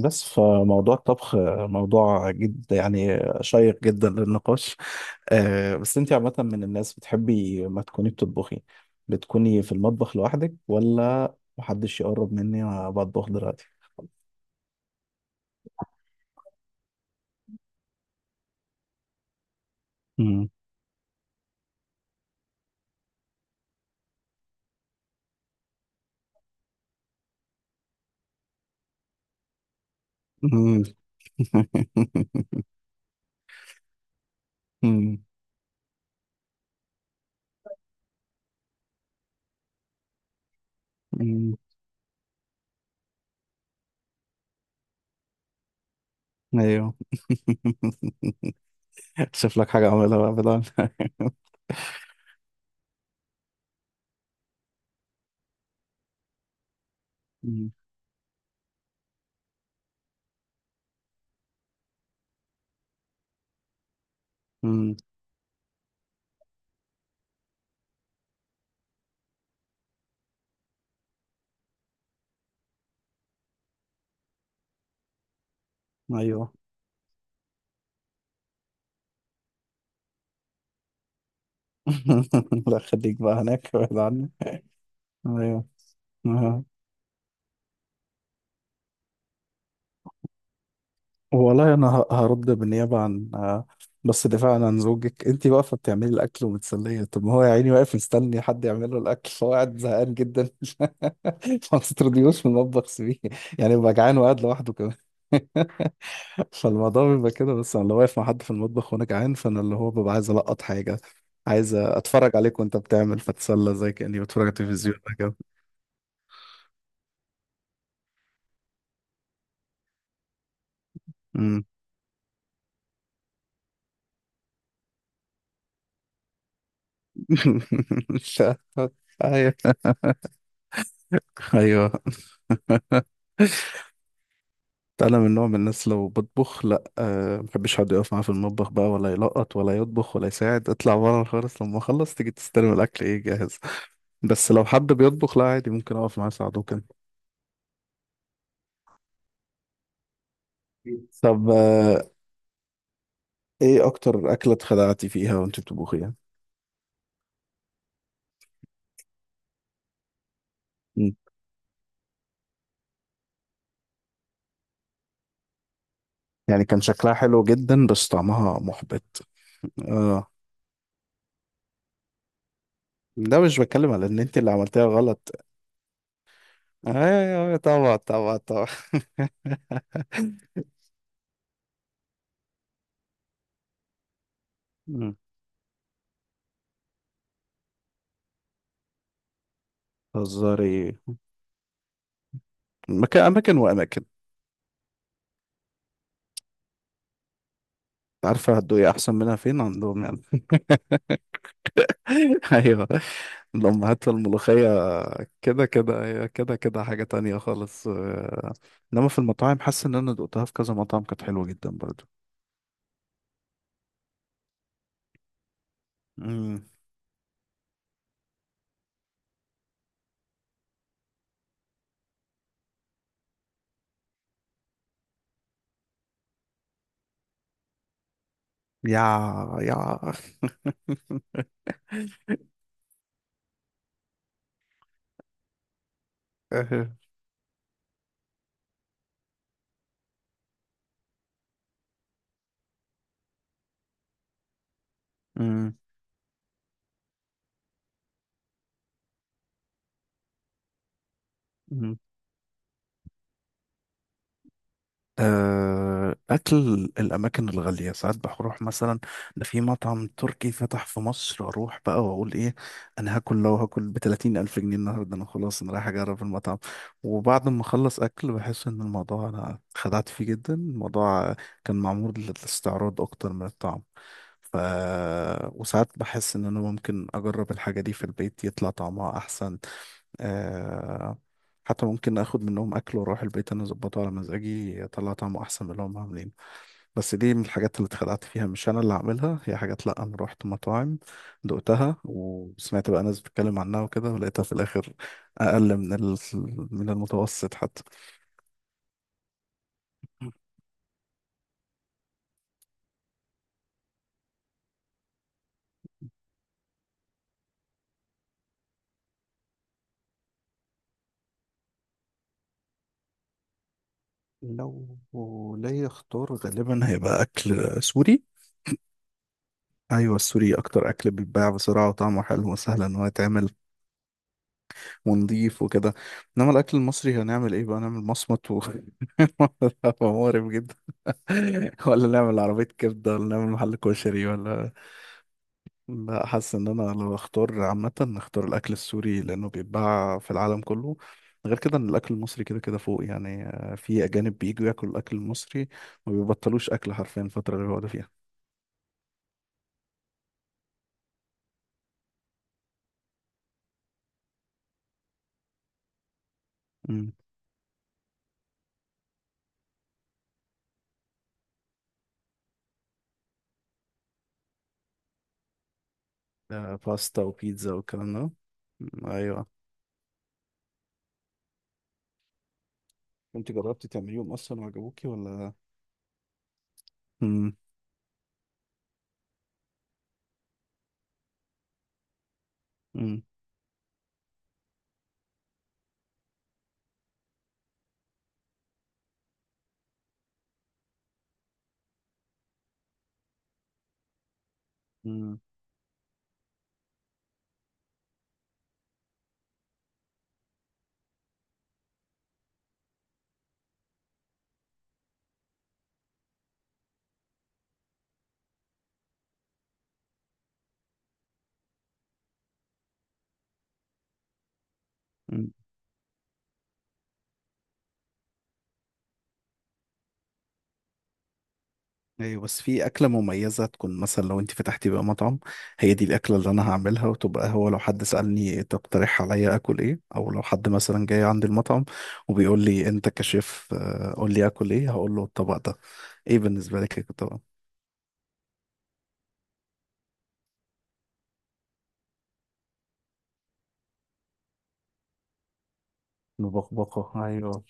بس فموضوع الطبخ موضوع جد يعني شيق جدا للنقاش. بس انت عامة من الناس بتحبي ما تكوني بتطبخي بتكوني في المطبخ لوحدك ولا محدش يقرب مني وانا بطبخ دلوقتي؟ مم. مم. مم. مم. ايوه. شوف لك حاجة اعملها بقى بدل. مم. مم. ايوه. لا، خليك بقى هناك بعيد عني. ايوه. والله انا هرد بالنيابه عن بس دفاعا عن زوجك، انت واقفه بتعملي الاكل ومتسليه، طب ما هو يا عيني واقف مستني حد يعمل له الاكل فهو قاعد زهقان جدا. ما تطرديهوش من المطبخ، سيبيه يعني ببقى جعان وقاعد لوحده كمان. فالموضوع بيبقى كده. بس انا لو واقف مع حد في المطبخ وانا جعان فانا اللي هو ببقى عايز القط حاجه، عايز اتفرج عليك وانت بتعمل فتسلى زي كاني بتفرج على التلفزيون كده. أمم. مش عارف. ايوه ايوه. انا من نوع من الناس لو بطبخ لا، أه، محبش حد يقف معايا في المطبخ بقى، ولا يلقط ولا يطبخ ولا يساعد، اطلع بره خالص، لما اخلص تيجي تستلم الاكل ايه جاهز. بس لو حد بيطبخ لا عادي، ممكن اقف معاه اساعده كده. طب ايه اكتر اكله اتخدعتي فيها وانت بتطبخيها؟ مم. يعني كان شكلها حلو جدا بس طعمها محبط. اه. ده مش بتكلم على ان انت اللي عملتيها غلط. ايوه. أيوة، طبعا طبعا طبعا. مم. هزاري. مكان اماكن واماكن. عارفة هتدوقي أحسن منها فين عندهم يعني. أيوه. الأمهات الملوخية كده كده، هي كده كده حاجة تانية خالص. إنما في المطاعم حاسس إن أنا دقتها في كذا مطعم كانت حلوة جدا برضو. مم. يا يا أخ. أه. مم. أكل الأماكن الغالية ساعات بروح مثلا، ده في مطعم تركي فتح في مصر، أروح بقى وأقول إيه؟ أنا هاكل، لو هاكل ب30 ألف جنيه النهاردة أنا خلاص أنا رايح أجرب المطعم. وبعد ما أخلص أكل بحس إن الموضوع أنا خدعت فيه جدا، الموضوع كان معمول للاستعراض أكتر من الطعم. ف وساعات بحس إن أنا ممكن أجرب الحاجة دي في البيت يطلع طعمها أحسن. آه. حتى ممكن اخد منهم اكل واروح البيت انا اظبطه على مزاجي يطلع طعمه احسن من اللي هم عاملين. بس دي من الحاجات اللي اتخدعت فيها، مش انا اللي عاملها، هي حاجات لا انا رحت مطاعم دقتها وسمعت بقى ناس بتتكلم عنها وكده ولقيتها في الاخر اقل من من المتوسط حتى. لو ليا اختار غالبا هيبقى اكل سوري. ايوه، السوري اكتر اكل بيتباع بسرعه وطعمه حلو وسهل ان هو يتعمل ونضيف وكده. انما الاكل المصري هنعمل ايه بقى، نعمل مصمت مقرف جدا، ولا نعمل عربية كبدة ولا نعمل محل كشري ولا؟ لا، حاسس ان انا لو اختار عامة اختار الاكل السوري لانه بيتباع في العالم كله. غير كده ان الاكل المصري كده كده فوق، يعني في اجانب بييجوا ياكلوا الاكل المصري ما بيبطلوش اكل حرفيا الفترة اللي بيقعدوا فيها. مم. باستا وبيتزا والكلام ده. مم، ايوه. انت جربتي تعمليهم اصلا وعجبوكي ولا؟ مم. مم. مم. مم. ايوه. بس في اكله مميزه تكون مثلا لو انت فتحتي بقى مطعم هي دي الاكله اللي انا هعملها، وتبقى هو لو حد سالني تقترح عليا اكل ايه او لو حد مثلا جاي عند المطعم وبيقول لي انت كشيف قول لي اكل ايه، هقول له الطبق ده. ايه بالنسبه لك الطبق؟ مبقبقه ايوه.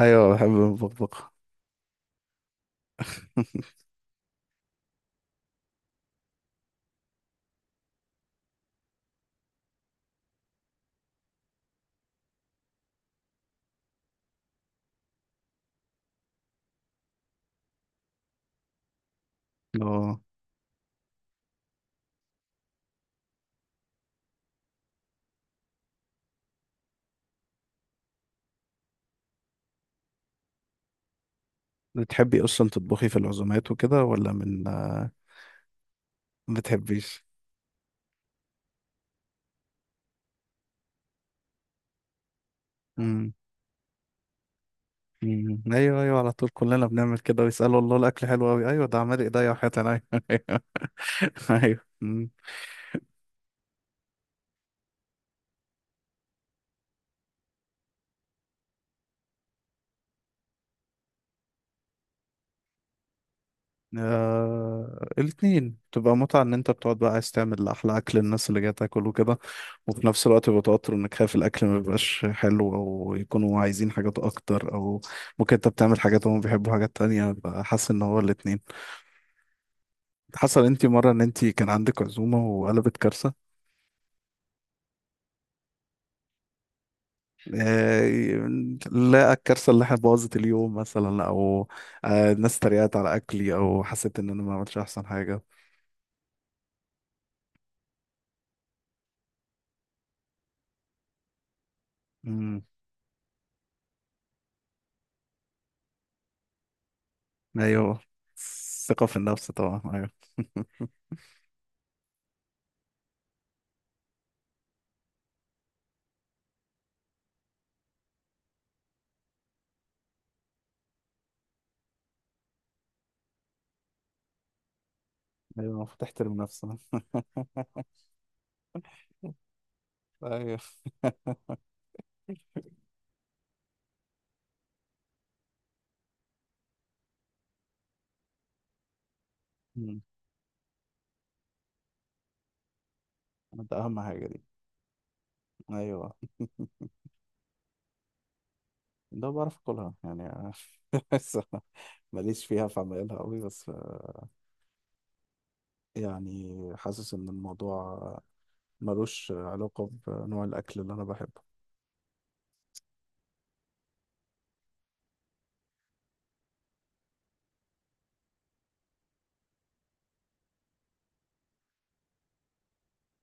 ايوه بحب المبقبقه. اه. بتحبي اصلا تطبخي في العزومات وكده ولا من ما بتحبيش؟ امم. أمم. ايوه ايوه، على طول كلنا بنعمل كده ويسالوا الله الاكل حلو قوي، ايوه ده عمال ايديا وحياتي عينيا. ايوه. مم. الاثنين تبقى متعة ان انت بتقعد بقى عايز تعمل احلى اكل للناس اللي جاية تاكل وكده، وفي نفس الوقت يبقى توتر انك خايف الاكل ما يبقاش حلو او يكونوا عايزين حاجات اكتر، او ممكن انت بتعمل حاجات وهم بيحبوا حاجات تانية بقى، حاسس ان هو الاثنين. حصل انت مرة ان انت كان عندك عزومة وقلبت كارثة؟ آه... لا، الكارثة اللي احنا بوظت اليوم مثلا، او الناس اتريقت على اكلي او حسيت ان انا ما عملتش احسن حاجة. ايوه، ثقة في النفس طبعا، ايوه. ايوه، المفروض تحترم نفسها. ايوه. مم. ده اهم حاجة دي. ايوه. ده بعرف اكلها يعني. بس ماليش فيها في عمايلها قوي، بس يعني حاسس ان الموضوع ملوش علاقة بنوع الاكل اللي انا بحبه.